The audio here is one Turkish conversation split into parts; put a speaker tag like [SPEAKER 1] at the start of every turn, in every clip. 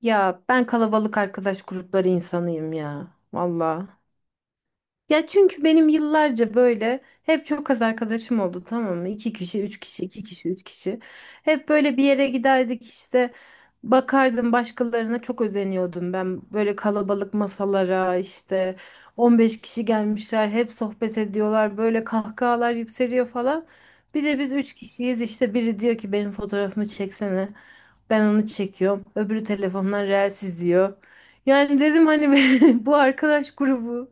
[SPEAKER 1] Ya ben kalabalık arkadaş grupları insanıyım ya. Valla. Ya çünkü benim yıllarca böyle hep çok az arkadaşım oldu, tamam mı? İki kişi, üç kişi, iki kişi, üç kişi. Hep böyle bir yere giderdik işte. Bakardım başkalarına, çok özeniyordum ben. Böyle kalabalık masalara işte 15 kişi gelmişler, hep sohbet ediyorlar. Böyle kahkahalar yükseliyor falan. Bir de biz üç kişiyiz işte, biri diyor ki benim fotoğrafımı çeksene. Ben onu çekiyorum. Öbürü telefondan Reels izliyor. Yani dedim hani, bu arkadaş grubu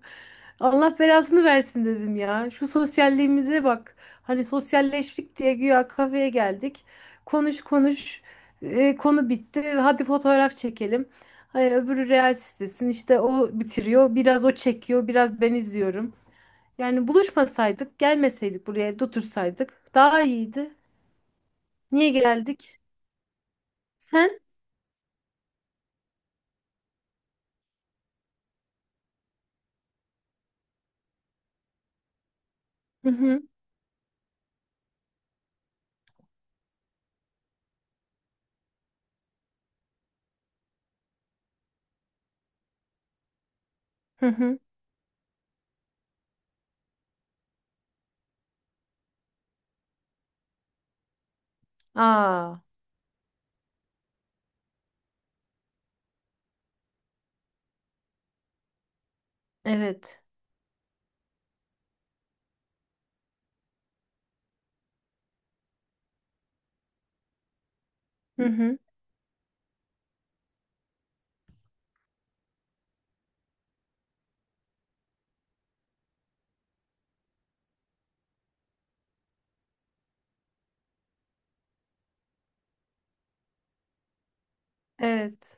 [SPEAKER 1] Allah belasını versin, dedim ya. Şu sosyalliğimize bak. Hani sosyalleştik diye güya kafeye geldik. Konuş konuş. Konu bitti. Hadi fotoğraf çekelim. Hayır, öbürü Reels istesin. İşte o bitiriyor. Biraz o çekiyor, biraz ben izliyorum. Yani buluşmasaydık, gelmeseydik buraya, evde otursaydık daha iyiydi. Niye geldik? Sen? Hı hı. Hı hı. Aa, evet. Hı hı. Evet.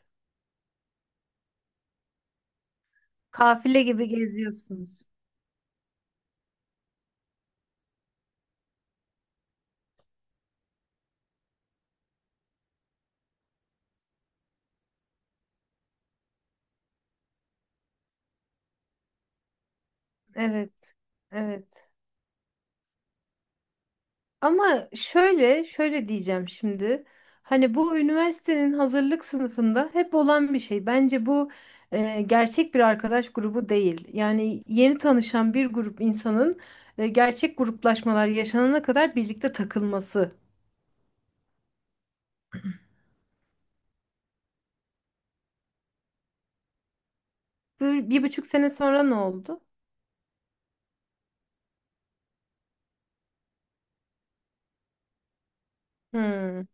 [SPEAKER 1] Kafile gibi geziyorsunuz. Evet. Evet. Ama şöyle, şöyle diyeceğim şimdi. Hani bu üniversitenin hazırlık sınıfında hep olan bir şey. Bence bu gerçek bir arkadaş grubu değil. Yani yeni tanışan bir grup insanın gerçek gruplaşmalar yaşanana kadar birlikte takılması. Bir buçuk sene sonra ne oldu? Hmm.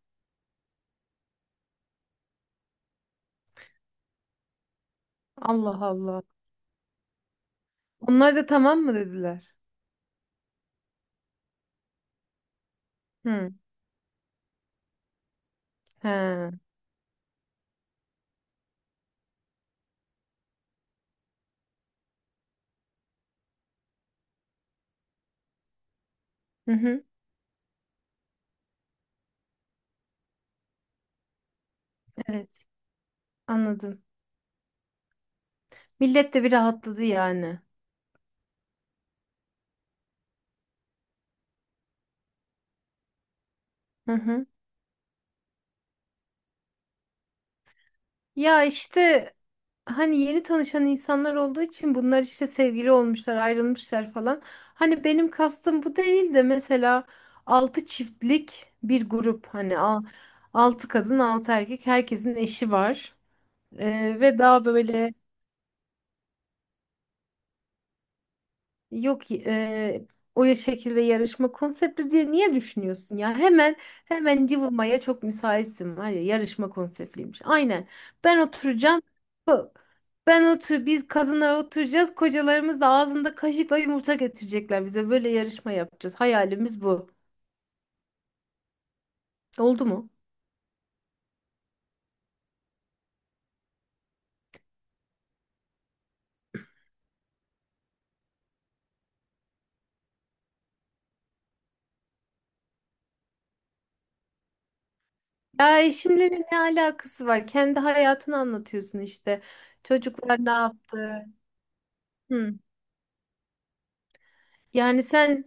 [SPEAKER 1] Allah Allah. Onlar da tamam mı dediler? Hmm. He. Hı hı. Evet, anladım. Millet de bir rahatladı yani. Hı hı. Ya işte hani yeni tanışan insanlar olduğu için bunlar işte sevgili olmuşlar, ayrılmışlar falan. Hani benim kastım bu değil de, mesela altı çiftlik bir grup, hani altı kadın, altı erkek, herkesin eşi var. Ve daha böyle. Yok, o ya şekilde yarışma konsepti diye niye düşünüyorsun ya? Hemen hemen cıvımaya çok müsaitsin var ya, yarışma konseptliymiş. Aynen. Ben oturacağım. Ko- Ben otur, biz kadınlar oturacağız. Kocalarımız da ağzında kaşıkla yumurta getirecekler bize. Böyle yarışma yapacağız. Hayalimiz bu. Oldu mu? Ya eşimle ne alakası var? Kendi hayatını anlatıyorsun işte. Çocuklar ne yaptı? Hı. Yani sen,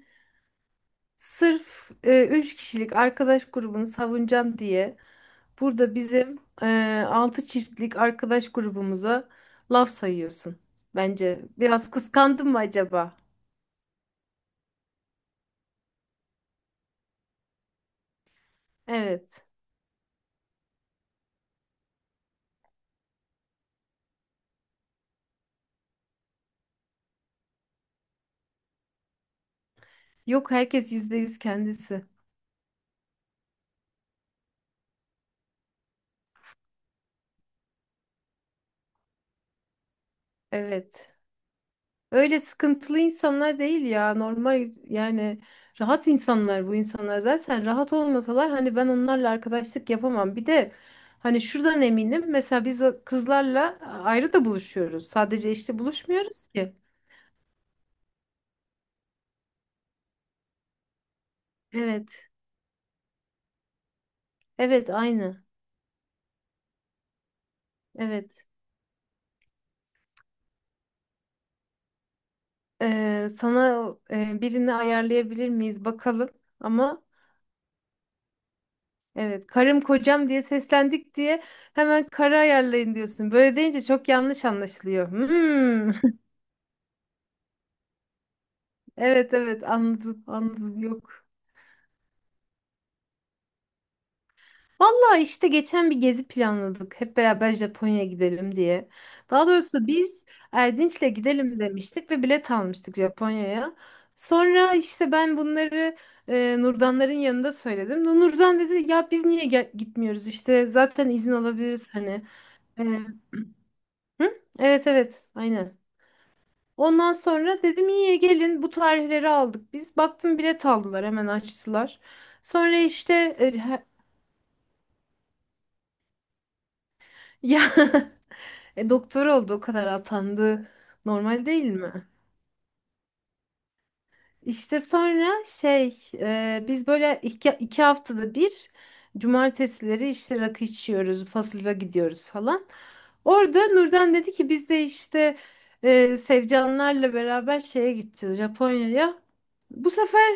[SPEAKER 1] sırf üç kişilik arkadaş grubunu savunacağım diye, burada bizim altı çiftlik arkadaş grubumuza laf sayıyorsun. Bence biraz kıskandın mı acaba? Evet. Yok, herkes %100 kendisi. Evet. Öyle sıkıntılı insanlar değil ya. Normal, yani rahat insanlar bu insanlar. Zaten rahat olmasalar hani ben onlarla arkadaşlık yapamam. Bir de hani şuradan eminim. Mesela biz o kızlarla ayrı da buluşuyoruz. Sadece işte buluşmuyoruz ki. Evet. Evet, aynı. Evet. Sana birini ayarlayabilir miyiz bakalım. Ama evet, karım kocam diye seslendik diye hemen karı ayarlayın diyorsun. Böyle deyince çok yanlış anlaşılıyor. Hmm. Evet evet anladım anladım yok. Valla işte geçen bir gezi planladık, hep beraber Japonya'ya gidelim diye. Daha doğrusu biz Erdinç'le gidelim demiştik ve bilet almıştık Japonya'ya. Sonra işte ben bunları Nurdanların yanında söyledim. Nurdan dedi ya biz niye gitmiyoruz işte, zaten izin alabiliriz hani. E, hı? Evet evet aynen. Ondan sonra dedim iyi gelin, bu tarihleri aldık biz. Baktım bilet aldılar hemen, açtılar. Sonra işte. Ya doktor oldu o kadar atandı. Normal değil mi? İşte sonra şey biz böyle iki haftada bir cumartesileri işte rakı içiyoruz, fasıla gidiyoruz falan. Orada Nurden dedi ki biz de işte Sevcanlarla beraber şeye gideceğiz Japonya'ya. Bu sefer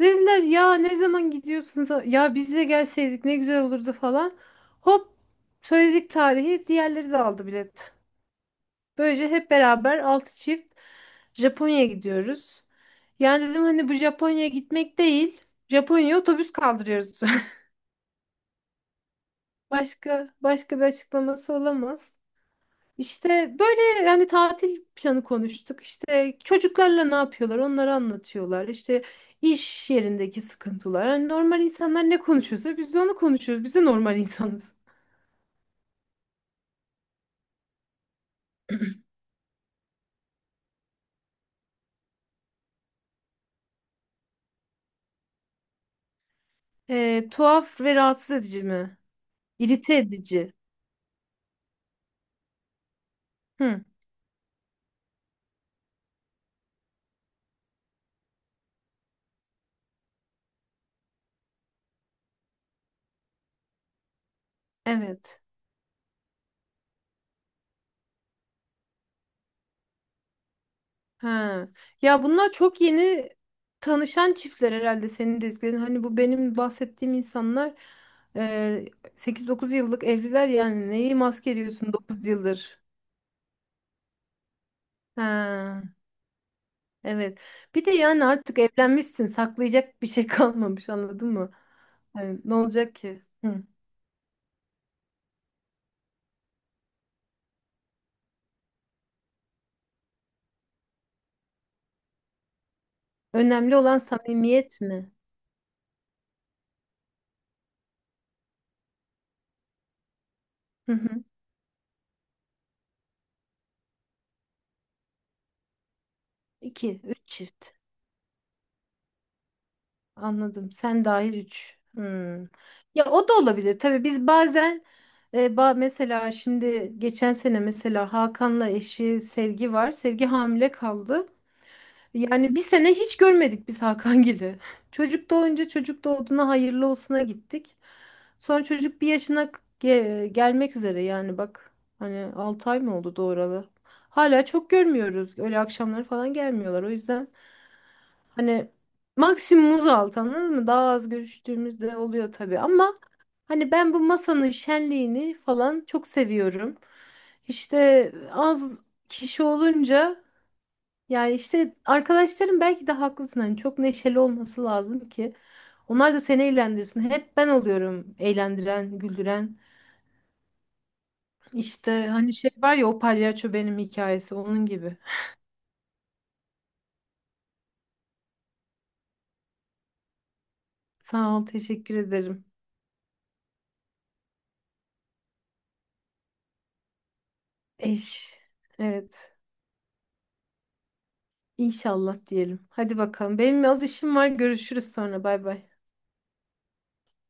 [SPEAKER 1] dediler ya ne zaman gidiyorsunuz? Ya biz de gelseydik ne güzel olurdu falan. Hop söyledik tarihi, diğerleri de aldı bilet. Böylece hep beraber altı çift Japonya'ya gidiyoruz. Yani dedim hani bu Japonya'ya gitmek değil. Japonya'ya otobüs kaldırıyoruz. Başka, başka bir açıklaması olamaz. İşte böyle yani, tatil planı konuştuk. İşte çocuklarla ne yapıyorlar onları anlatıyorlar. İşte iş yerindeki sıkıntılar. Hani normal insanlar ne konuşuyorsa biz de onu konuşuyoruz. Biz de normal insanız. Tuhaf ve rahatsız edici mi? İrite edici. Hı, evet. Ha. Ya bunlar çok yeni tanışan çiftler herhalde senin dediklerin. Hani bu benim bahsettiğim insanlar e, 8-9 yıllık evliler, yani neyi maskeliyorsun 9 yıldır. Ha. Evet. Bir de yani artık evlenmişsin, saklayacak bir şey kalmamış, anladın mı? Yani ne olacak ki? Hı. Önemli olan samimiyet mi? Hı hı. İki, üç çift. Anladım. Sen dahil 3. Ya o da olabilir. Tabii biz bazen mesela şimdi geçen sene mesela Hakan'la eşi Sevgi var. Sevgi hamile kaldı. Yani bir sene hiç görmedik biz Hakangil'i. Çocuk doğunca, çocuk doğduğuna hayırlı olsuna gittik. Sonra çocuk bir yaşına gelmek üzere yani, bak. Hani 6 ay mı oldu doğuralı? Hala çok görmüyoruz. Öyle akşamları falan gelmiyorlar. O yüzden hani maksimumuz altı, anladın mı? Daha az görüştüğümüz de oluyor tabii ama hani ben bu masanın şenliğini falan çok seviyorum. İşte az kişi olunca yani, işte arkadaşlarım, belki de haklısın hani, çok neşeli olması lazım ki onlar da seni eğlendirsin. Hep ben oluyorum eğlendiren, güldüren. İşte hani şey var ya, o palyaço benim hikayesi onun gibi. Sağ ol, teşekkür ederim. Eş. Evet. İnşallah diyelim. Hadi bakalım. Benim az işim var. Görüşürüz sonra. Bay bay.